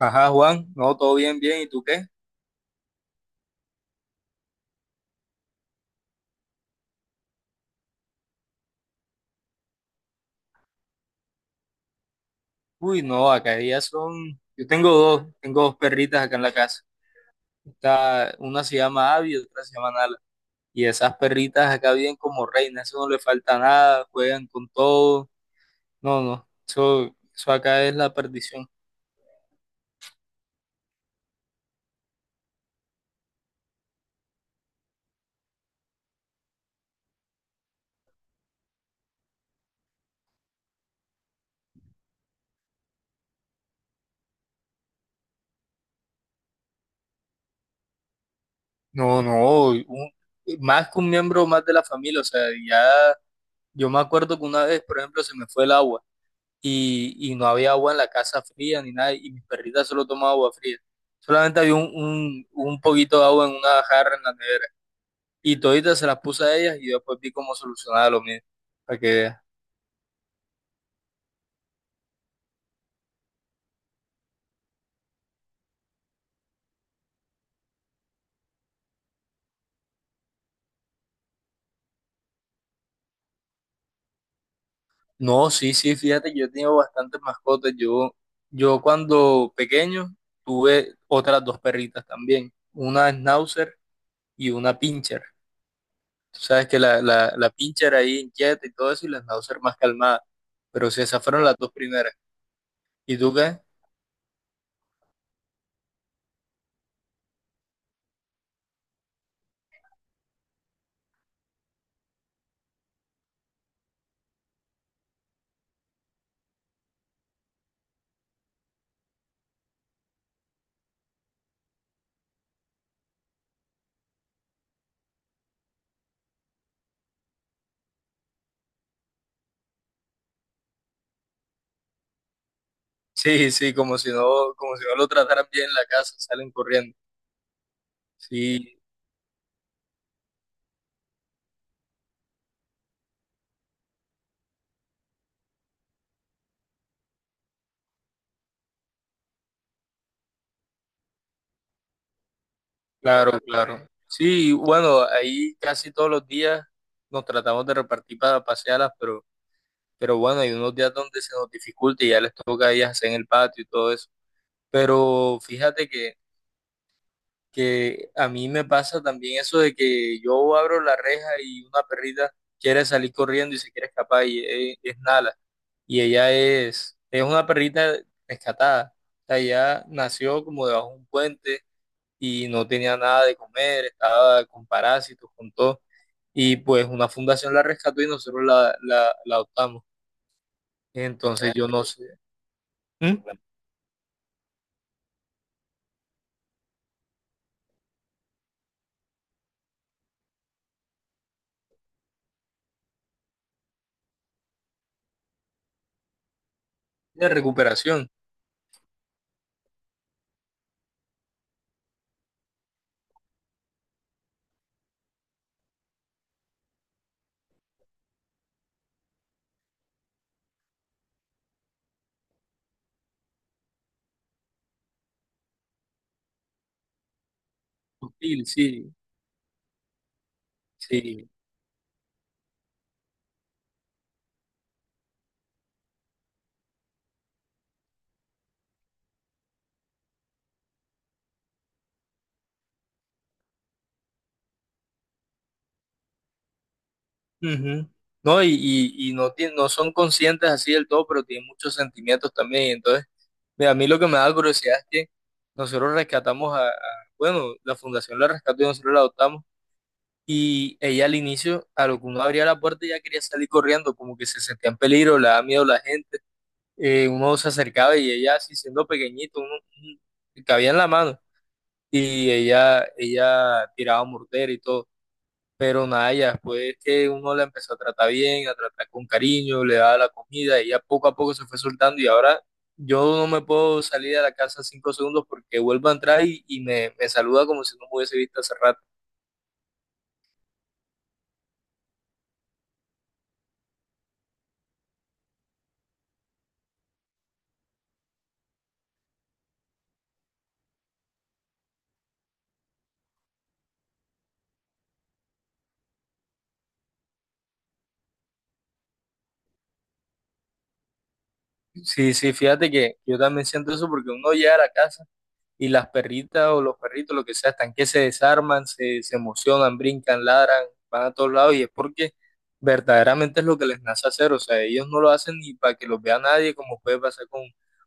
Ajá, Juan, no, todo bien, bien, ¿y tú qué? Uy, no, acá ya son, yo tengo dos perritas acá en la casa. Una se llama Abby y otra se llama Nala. Y esas perritas acá viven como reinas, eso no le falta nada, juegan con todo. No, no, eso acá es la perdición. No, no, más que un miembro más de la familia, o sea, ya yo me acuerdo que una vez, por ejemplo, se me fue el agua. Y no había agua en la casa fría ni nada, y mis perritas solo tomaban agua fría. Solamente había un poquito de agua en una jarra en la nevera. Y toditas se las puse a ellas y yo después vi cómo solucionaba lo mío. Para que veas. No, sí, sí, fíjate que yo he tenido bastantes mascotas. Yo cuando pequeño tuve otras dos perritas también, una Schnauzer y una Pinscher. Tú sabes que la Pinscher ahí inquieta y todo eso y la Schnauzer más calmada. Pero sí, esas fueron las dos primeras. ¿Y tú qué? Sí, sí, como si no lo trataran bien en la casa, salen corriendo. Sí, claro, claro. Sí, bueno, ahí casi todos los días nos tratamos de repartir para pasearlas, pero bueno, hay unos días donde se nos dificulta y ya les toca a ellas hacer en el patio y todo eso. Pero fíjate que a mí me pasa también eso de que yo abro la reja y una perrita quiere salir corriendo y se quiere escapar y es nada. Y ella es una perrita rescatada. O sea, ella nació como debajo de un puente y no tenía nada de comer, estaba con parásitos, con todo. Y pues una fundación la rescató y nosotros la adoptamos. Entonces ah, yo no sé. ¿Mm? De recuperación. Sutil, sí, sí. Ujú. No, y no, no son conscientes así del todo, pero tienen muchos sentimientos también. Entonces mira, a mí lo que me da curiosidad es que nosotros rescatamos bueno, la fundación la rescató y nosotros la adoptamos. Y ella al inicio, a lo que uno abría la puerta, ya quería salir corriendo, como que se sentía en peligro, le daba miedo a la gente. Uno se acercaba y ella, así siendo pequeñito, cabía en la mano. Y ella tiraba mortero y todo. Pero nada, ya después que uno la empezó a tratar bien, a tratar con cariño, le daba la comida, ella poco a poco se fue soltando y ahora yo no me puedo salir de la casa 5 segundos porque vuelvo a entrar y me saluda como si no me hubiese visto hace rato. Sí, sí, fíjate que yo también siento eso porque uno llega a la casa. Y las perritas o los perritos, lo que sea, están que se desarman, se emocionan, brincan, ladran, van a todos lados y es porque verdaderamente es lo que les nace hacer, o sea, ellos no lo hacen ni para que los vea nadie, como puede pasar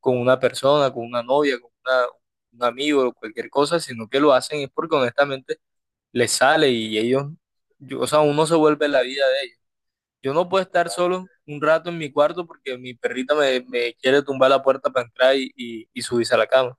con una persona, con una novia, un amigo o cualquier cosa, sino que lo hacen es porque honestamente les sale y ellos, o sea, uno se vuelve la vida de ellos. Yo no puedo estar solo un rato en mi cuarto porque mi perrita me, me quiere tumbar la puerta para entrar y subirse a la cama.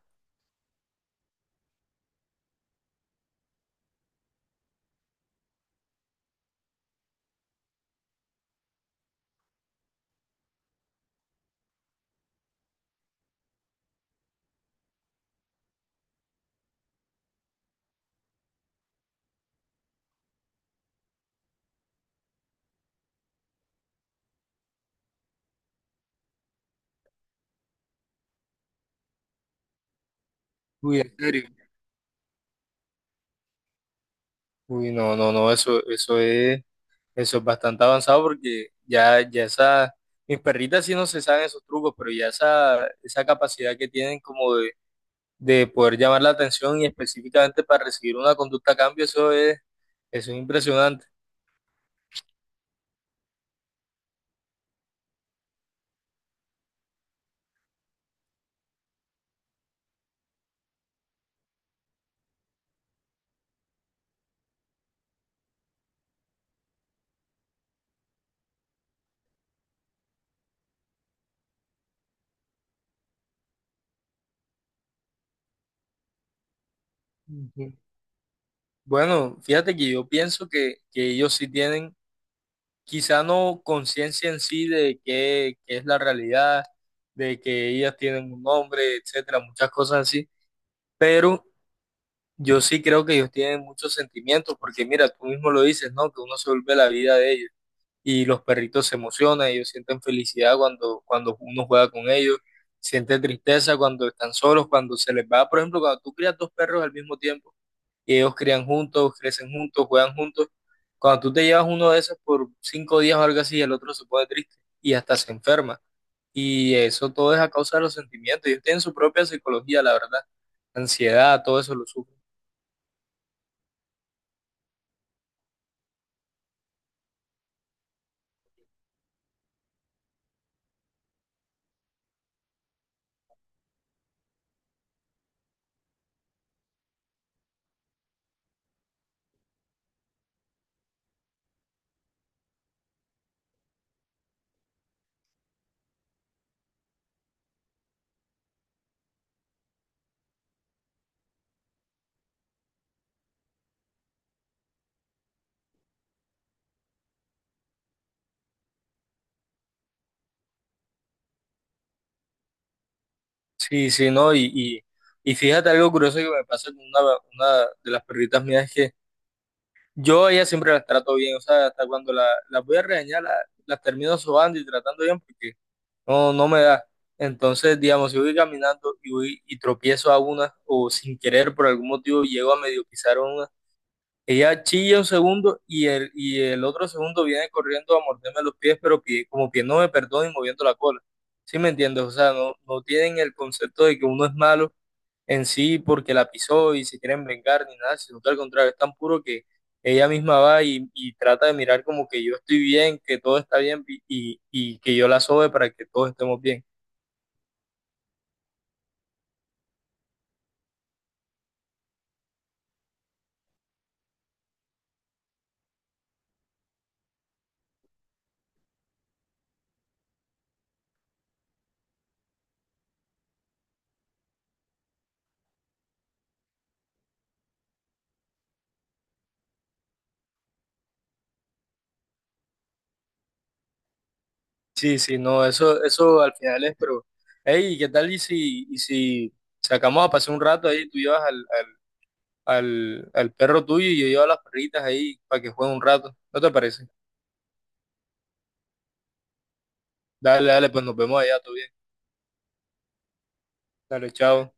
Uy, en serio. Uy, no, no, no, eso, eso es bastante avanzado porque mis perritas sí no se saben esos trucos, pero ya esa capacidad que tienen como de poder llamar la atención y específicamente para recibir una conducta a cambio, eso es impresionante. Ujú. Bueno, fíjate que yo pienso que ellos sí tienen, quizá no conciencia en sí de qué es la realidad, de que ellas tienen un nombre, etcétera, muchas cosas así, pero yo sí creo que ellos tienen muchos sentimientos, porque mira, tú mismo lo dices, ¿no? Que uno se vuelve la vida de ellos. Y los perritos se emocionan, ellos sienten felicidad cuando uno juega con ellos, sienten tristeza cuando están solos, cuando se les va, por ejemplo, cuando tú crías dos perros al mismo tiempo y ellos crían juntos, crecen juntos, juegan juntos, cuando tú te llevas uno de esos por 5 días o algo así, el otro se pone triste y hasta se enferma. Y eso todo es a causa de los sentimientos. Ellos tienen su propia psicología, la verdad. Ansiedad, todo eso lo sufren. Sí, sí, ¿no? Y fíjate algo curioso que me pasa con una de las perritas mías es que yo a ellas siempre las trato bien, o sea, hasta cuando las voy a regañar, las termino sobando y tratando bien porque no, no me da. Entonces, digamos, si voy caminando y voy y tropiezo a una o sin querer por algún motivo llego a medio pisar a una, ella chilla un segundo y el otro segundo viene corriendo a morderme los pies, pero como que no me perdona y moviendo la cola. ¿Sí me entiendes? O sea, no, no tienen el concepto de que uno es malo en sí porque la pisó y se quieren vengar ni nada, sino que al contrario, es tan puro que ella misma va y trata de mirar como que yo estoy bien, que todo está bien y que yo la sobe para que todos estemos bien. Sí, sí, no, eso al final es, pero, hey, ¿qué tal y si sacamos a pasar un rato ahí, tú llevas al perro tuyo y yo llevo a las perritas ahí para que jueguen un rato? ¿No te parece? Dale, dale, pues nos vemos allá, todo bien. Dale, chao.